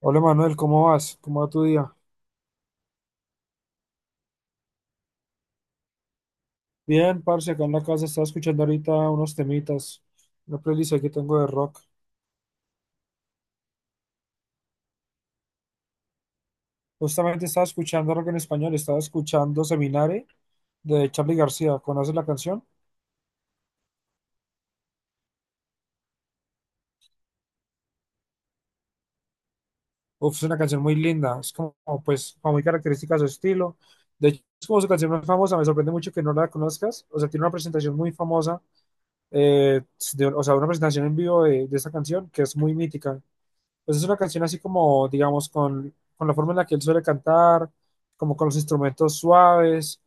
Hola Manuel, ¿cómo vas? ¿Cómo va tu día? Bien, parce, acá en la casa estaba escuchando ahorita unos temitas, una playlist ahí que tengo de rock. Justamente estaba escuchando rock en español, estaba escuchando Seminare de Charly García. ¿Conoces la canción? Uf, es una canción muy linda, es como, pues, como muy característica de su estilo. De hecho, es como su canción más famosa, me sorprende mucho que no la conozcas. O sea, tiene una presentación muy famosa, eh, una presentación en vivo de esta canción que es muy mítica. Pues es una canción así como, digamos, con la forma en la que él suele cantar, como con los instrumentos suaves,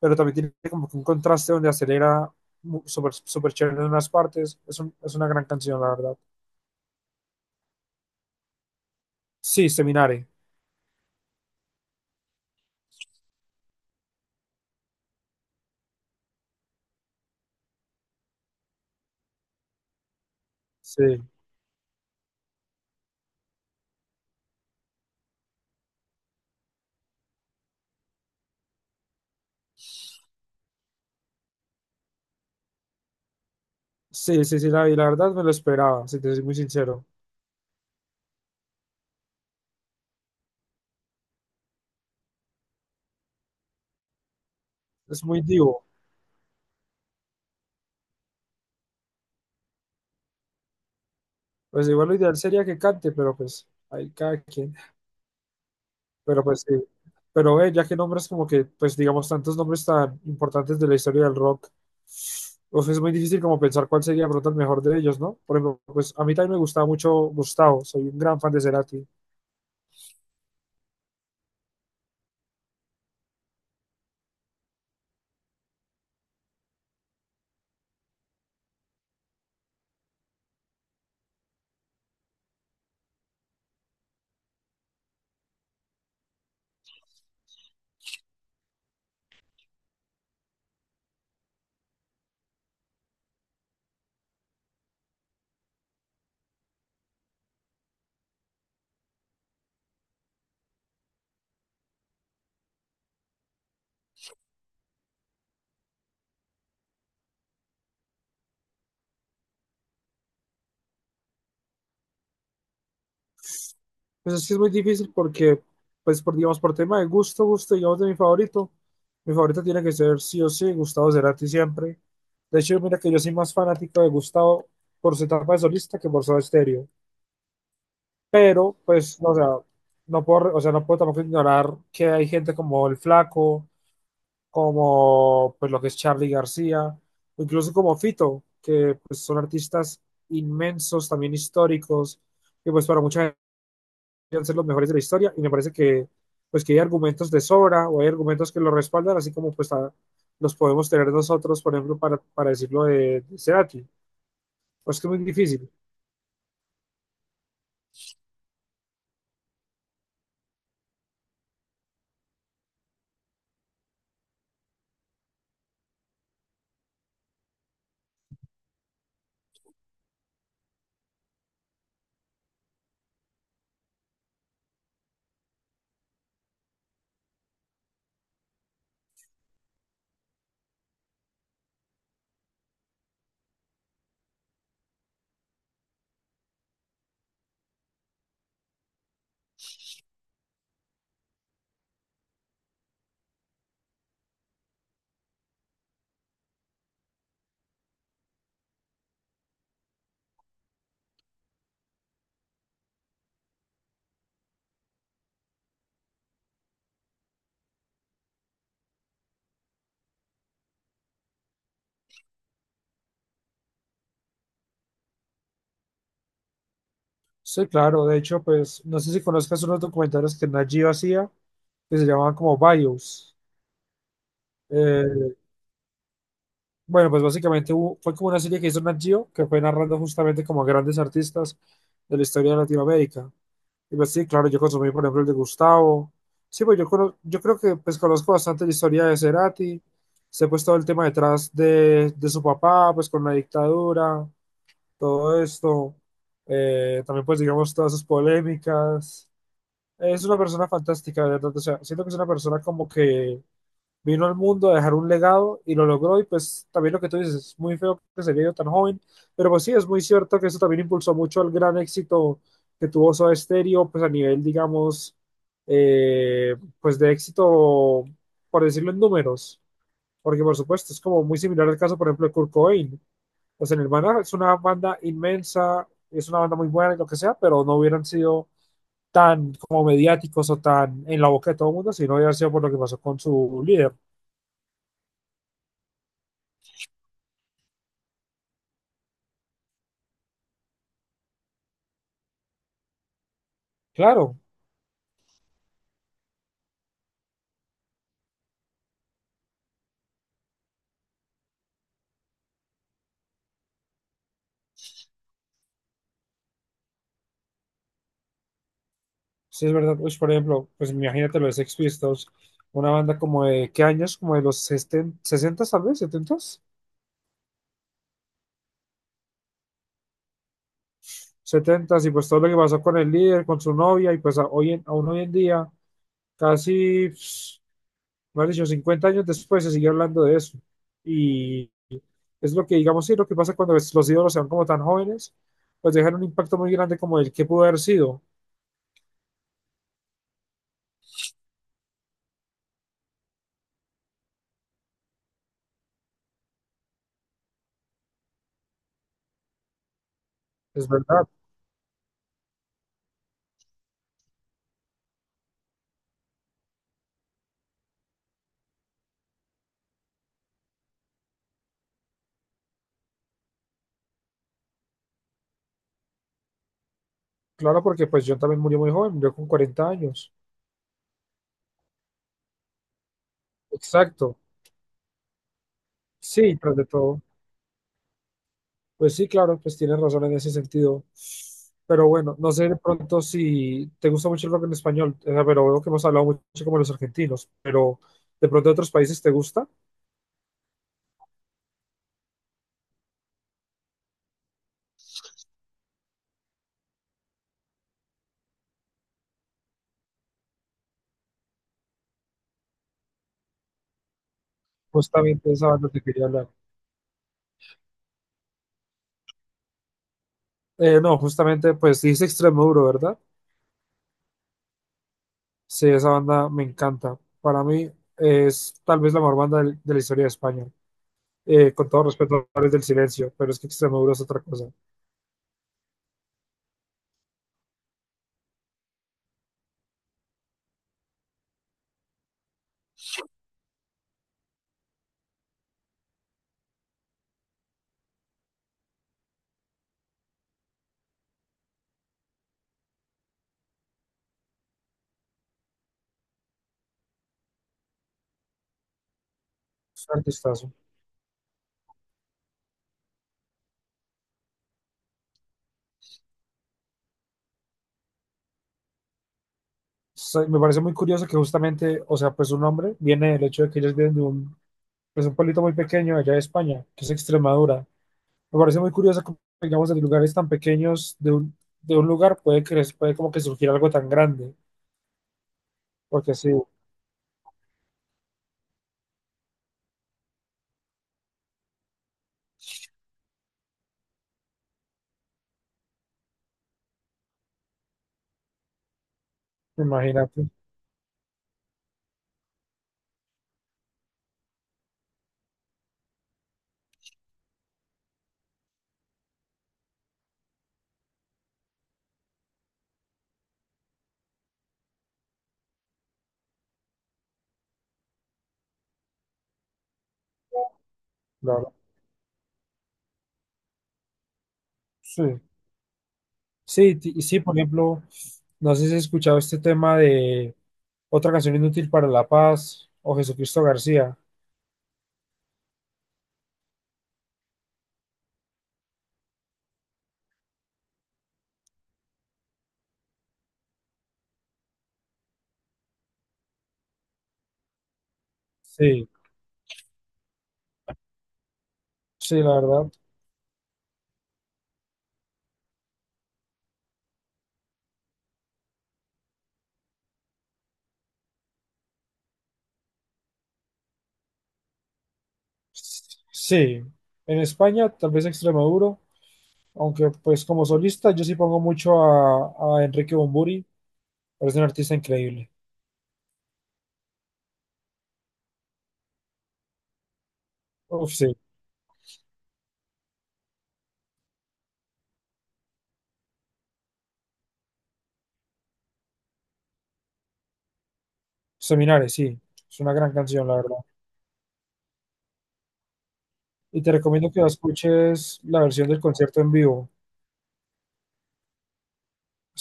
pero también tiene como que un contraste donde acelera súper súper chévere en unas partes. Es una gran canción, la verdad. Sí, Seminare. Sí, sí, la vi. La verdad me lo esperaba, si te soy muy sincero. Es muy divo. Pues igual lo ideal sería que cante, pero pues ahí cada quien. Pero pues sí. Pero ya que nombres como que, pues digamos, tantos nombres tan importantes de la historia del rock, pues es muy difícil como pensar cuál sería de pronto el mejor de ellos, ¿no? Por ejemplo, pues a mí también me gustaba mucho Gustavo, soy un gran fan de Cerati. Pues es que es muy difícil porque, pues por, digamos, por tema de gusto, digamos, de mi favorito tiene que ser sí o sí Gustavo Cerati siempre. De hecho, mira que yo soy más fanático de Gustavo por su etapa de solista que por su estéreo, pero pues, no, o sea, no puedo, o sea, no puedo tampoco ignorar que hay gente como El Flaco, como pues lo que es Charly García, o incluso como Fito, que pues son artistas inmensos, también históricos, que pues para mucha gente deben ser los mejores de la historia, y me parece que pues que hay argumentos de sobra, o hay argumentos que lo respaldan, así como pues los podemos tener nosotros, por ejemplo, para decirlo de Cerati. Pues que es muy difícil. Sí, claro, de hecho, pues no sé si conozcas unos documentales que Nat Geo hacía, que se llamaban como BIOS. Eh, bueno, pues básicamente fue como una serie que hizo Nat Geo, que fue narrando justamente como grandes artistas de la historia de Latinoamérica. Y pues sí, claro, yo consumí, por ejemplo, el de Gustavo. Sí, pues yo, yo creo que pues conozco bastante la historia de Cerati, sé pues todo el tema detrás de su papá, pues con la dictadura, todo esto. También pues digamos todas sus polémicas. Es una persona fantástica, de verdad. O sea, siento que es una persona como que vino al mundo a dejar un legado y lo logró. Y pues también lo que tú dices, es muy feo que se haya ido tan joven. Pero pues sí, es muy cierto que eso también impulsó mucho el gran éxito que tuvo Soda Stereo, pues a nivel, digamos, eh, pues de éxito, por decirlo en números. Porque por supuesto, es como muy similar al caso, por ejemplo, de Kurt Cobain. O sea, Nirvana es una banda inmensa, es una banda muy buena y lo que sea, pero no hubieran sido tan como mediáticos o tan en la boca de todo el mundo, sino ya sido por lo que pasó con su líder. Claro, sí es verdad. Uy, por ejemplo, pues imagínate lo de Sex Pistols, una banda como de, ¿qué años? Como de los sesenta, sesenta tal vez, 70, 70, y pues todo lo que pasó con el líder, con su novia, y pues hoy aún hoy en día, casi, pss, más dicho, 50 años después se sigue hablando de eso. Y es lo que, digamos, sí, lo que pasa cuando los ídolos sean como tan jóvenes, pues dejan un impacto muy grande como el que pudo haber sido. Es verdad. Claro, porque pues John también murió muy joven, murió con 40 años. Exacto. Sí, tras de todo. Pues sí, claro, pues tienes razón en ese sentido. Pero bueno, no sé de pronto si te gusta mucho el rock en español, pero veo que hemos hablado mucho como los argentinos, pero de pronto de otros países te gusta. Justamente esa banda te quería hablar. No, justamente, pues dice Extremoduro, ¿verdad? Sí, esa banda me encanta. Para mí es tal vez la mejor banda de la historia de España. Con todo respeto a los del Silencio, pero es que Extremoduro es otra cosa. Es un artistazo. Me parece muy curioso que justamente, o sea, pues su nombre viene del hecho de que ellos vienen de un, pues un pueblito muy pequeño allá de España, que es Extremadura. Me parece muy curioso que, digamos, de lugares tan pequeños de un lugar puede como que surgir algo tan grande, porque sí, imagínate, claro. Sí, sí, sí, por ejemplo, no sé si has escuchado este tema de otra canción inútil para la paz o Jesucristo García. Sí, sí, la verdad. Sí, en España tal vez Extremoduro, aunque pues como solista yo sí pongo mucho a Enrique Bumburi, es un artista increíble. Uf, sí, Seminares, sí, es una gran canción, la verdad. Y te recomiendo que la escuches la versión del concierto en vivo.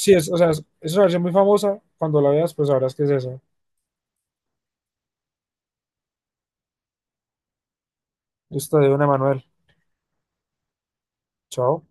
Sí, es, o sea, es una versión muy famosa, cuando la veas pues sabrás que es esa. Esta de Don Emanuel, chao.